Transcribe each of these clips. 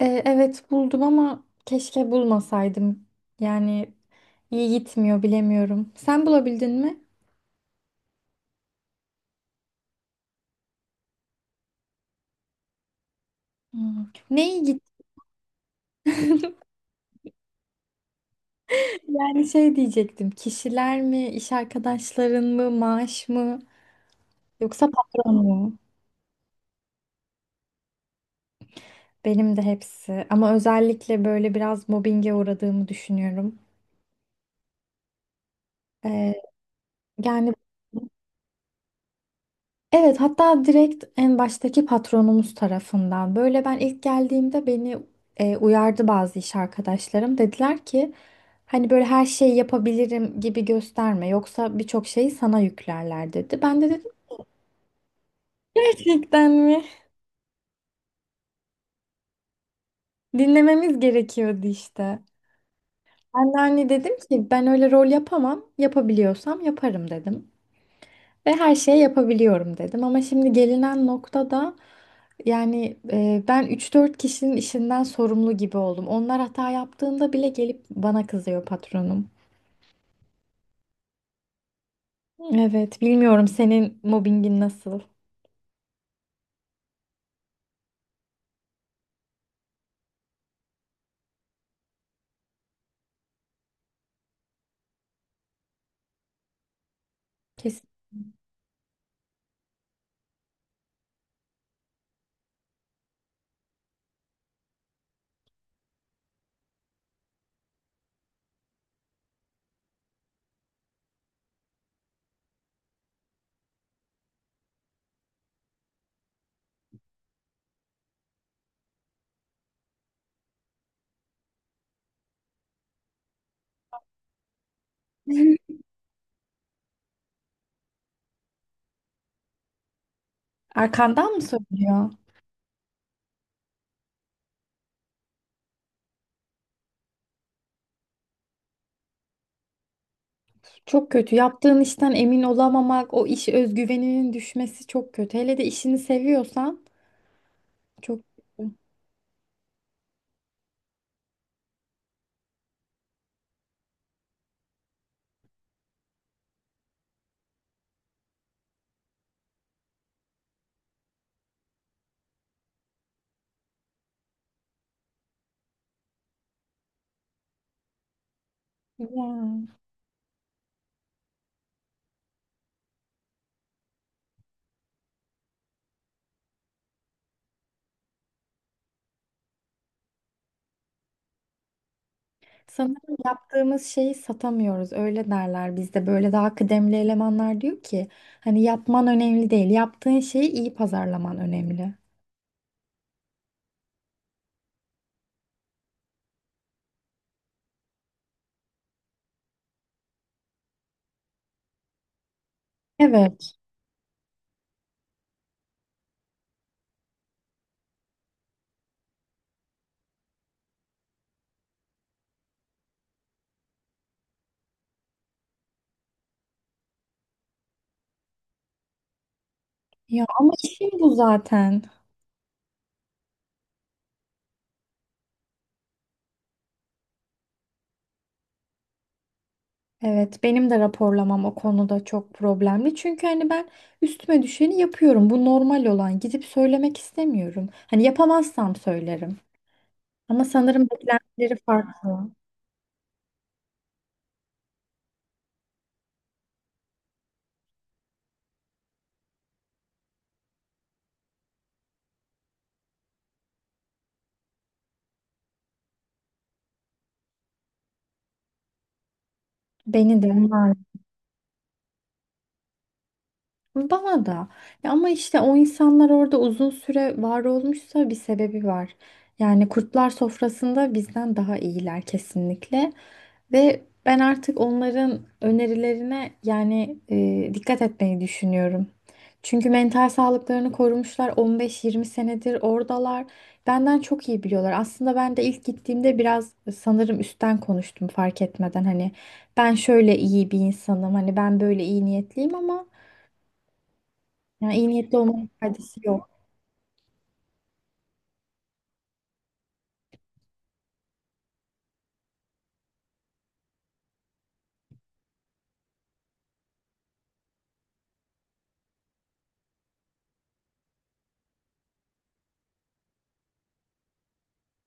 Evet, buldum ama keşke bulmasaydım. Yani iyi gitmiyor bilemiyorum. Sen bulabildin mi? Hmm. Ne iyi gitti? Yani diyecektim. Kişiler mi, iş arkadaşların mı, maaş mı yoksa patron mu? Benim de hepsi. Ama özellikle böyle biraz mobbinge uğradığımı düşünüyorum. E, yani Evet, hatta direkt en baştaki patronumuz tarafından. Böyle ben ilk geldiğimde beni uyardı bazı iş arkadaşlarım. Dediler ki hani böyle her şeyi yapabilirim gibi gösterme. Yoksa birçok şeyi sana yüklerler dedi. Ben de dedim gerçekten mi? Dinlememiz gerekiyordu işte. Ben de hani dedim ki ben öyle rol yapamam. Yapabiliyorsam yaparım dedim. Ve her şeyi yapabiliyorum dedim. Ama şimdi gelinen noktada yani ben üç dört kişinin işinden sorumlu gibi oldum. Onlar hata yaptığında bile gelip bana kızıyor patronum. Evet, bilmiyorum senin mobbingin nasıl? Kesin. Arkandan mı söylüyor? Çok kötü. Yaptığın işten emin olamamak, o iş özgüveninin düşmesi çok kötü. Hele de işini seviyorsan çok kötü. Ya. Sanırım yaptığımız şeyi satamıyoruz. Öyle derler bizde. Böyle daha kıdemli elemanlar diyor ki hani yapman önemli değil. Yaptığın şeyi iyi pazarlaman önemli. Evet. Ya ama işim bu zaten. Evet, benim de raporlamam o konuda çok problemli. Çünkü hani ben üstüme düşeni yapıyorum. Bu normal olan. Gidip söylemek istemiyorum. Hani yapamazsam söylerim. Ama sanırım beklentileri farklı. Beni de onlar. Bana da. Ya ama işte o insanlar orada uzun süre var olmuşsa bir sebebi var. Yani kurtlar sofrasında bizden daha iyiler kesinlikle. Ve ben artık onların önerilerine yani dikkat etmeyi düşünüyorum. Çünkü mental sağlıklarını korumuşlar 15-20 senedir oradalar. Benden çok iyi biliyorlar. Aslında ben de ilk gittiğimde biraz sanırım üstten konuştum fark etmeden. Hani ben şöyle iyi bir insanım, hani ben böyle iyi niyetliyim ama yani iyi niyetli olmanın faydası yok.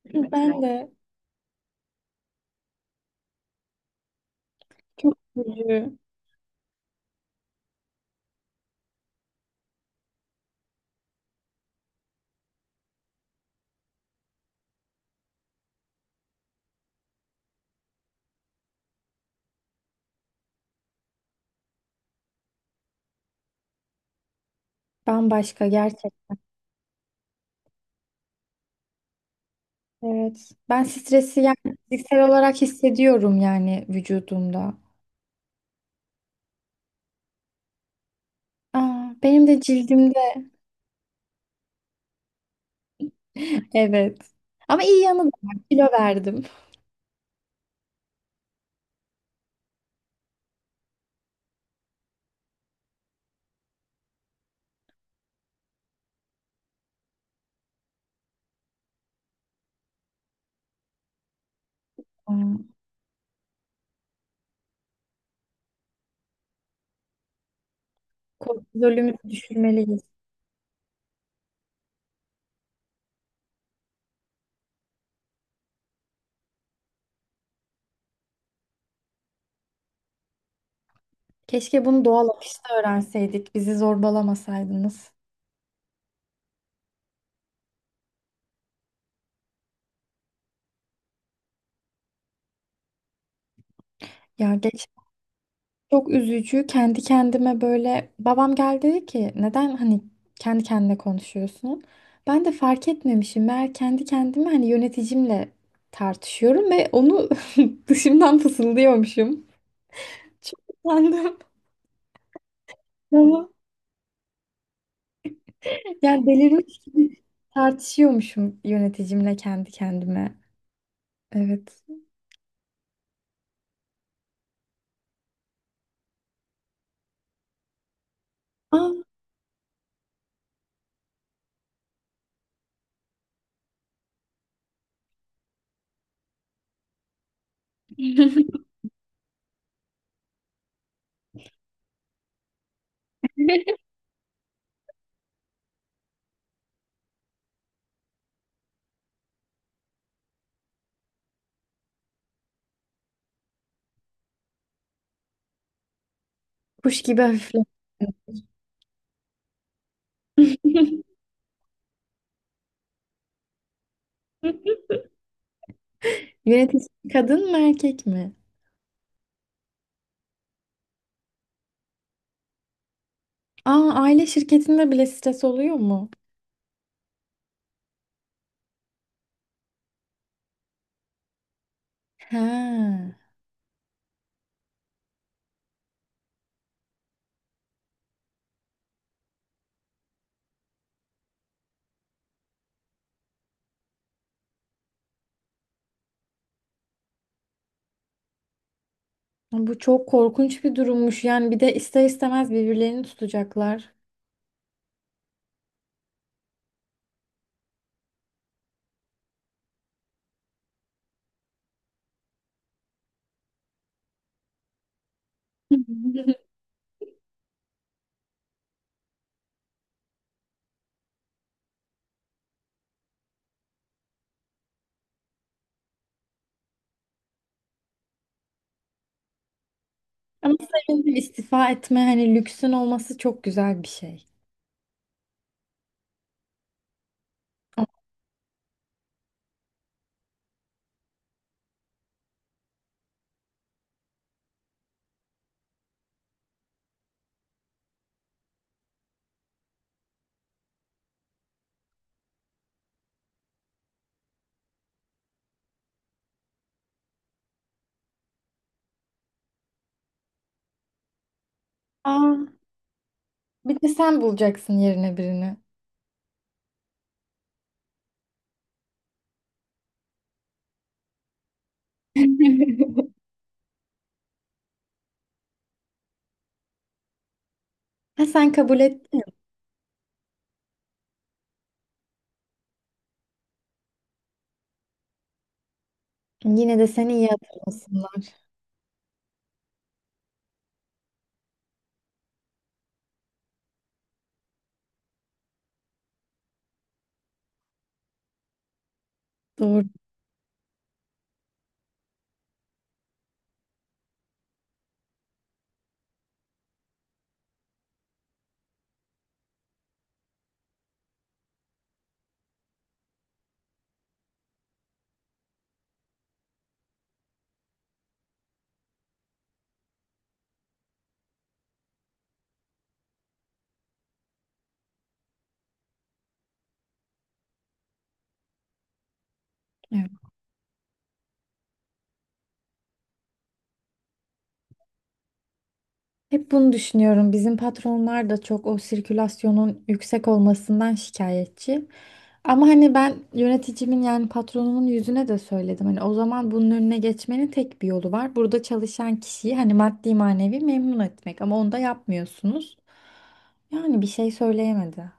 Ben de çok üzücü. Bambaşka gerçek. Evet. Ben stresi yani fiziksel olarak hissediyorum yani vücudumda. Aa, benim de cildimde. Evet. Ama iyi yanı da var. Kilo verdim. Aa. Kortizolümüzü düşürmeliyiz. Keşke bunu doğal akışta öğrenseydik. Bizi zorbalamasaydınız. Ya geç. Çok üzücü. Kendi kendime böyle babam geldi dedi ki neden hani kendi kendine konuşuyorsun? Ben de fark etmemişim. Meğer kendi kendime hani yöneticimle tartışıyorum ve onu dışımdan fısıldıyormuşum. Çok utandım. Ama yani delirmiş gibi tartışıyormuşum yöneticimle kendi kendime. Evet. Aa, kuş gibi hafifledim. Yönetici kadın mı erkek mi? Aa, aile şirketinde bile stres oluyor mu? Ha. Bu çok korkunç bir durummuş. Yani bir de ister istemez birbirlerini tutacaklar. Ama sevindim, istifa etme hani lüksün olması çok güzel bir şey. Aa, bir de sen bulacaksın yerine birini. Ha, sen kabul ettin. Yine de seni iyi hatırlasınlar. Doğru. Evet. Hep bunu düşünüyorum. Bizim patronlar da çok o sirkülasyonun yüksek olmasından şikayetçi. Ama hani ben yöneticimin yani patronumun yüzüne de söyledim. Hani o zaman bunun önüne geçmenin tek bir yolu var. Burada çalışan kişiyi hani maddi manevi memnun etmek. Ama onu da yapmıyorsunuz. Yani bir şey söyleyemedi.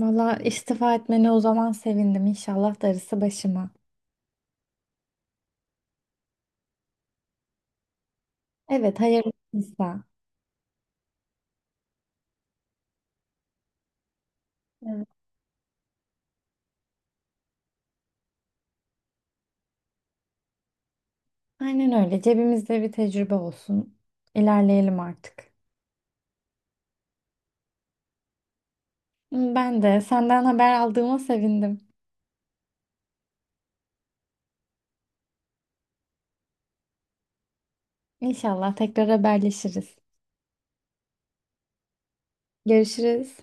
Valla istifa etmene o zaman sevindim. İnşallah darısı başıma. Evet, hayırlısıysa. Evet. Aynen öyle. Cebimizde bir tecrübe olsun. İlerleyelim artık. Ben de senden haber aldığıma sevindim. İnşallah tekrar haberleşiriz. Görüşürüz.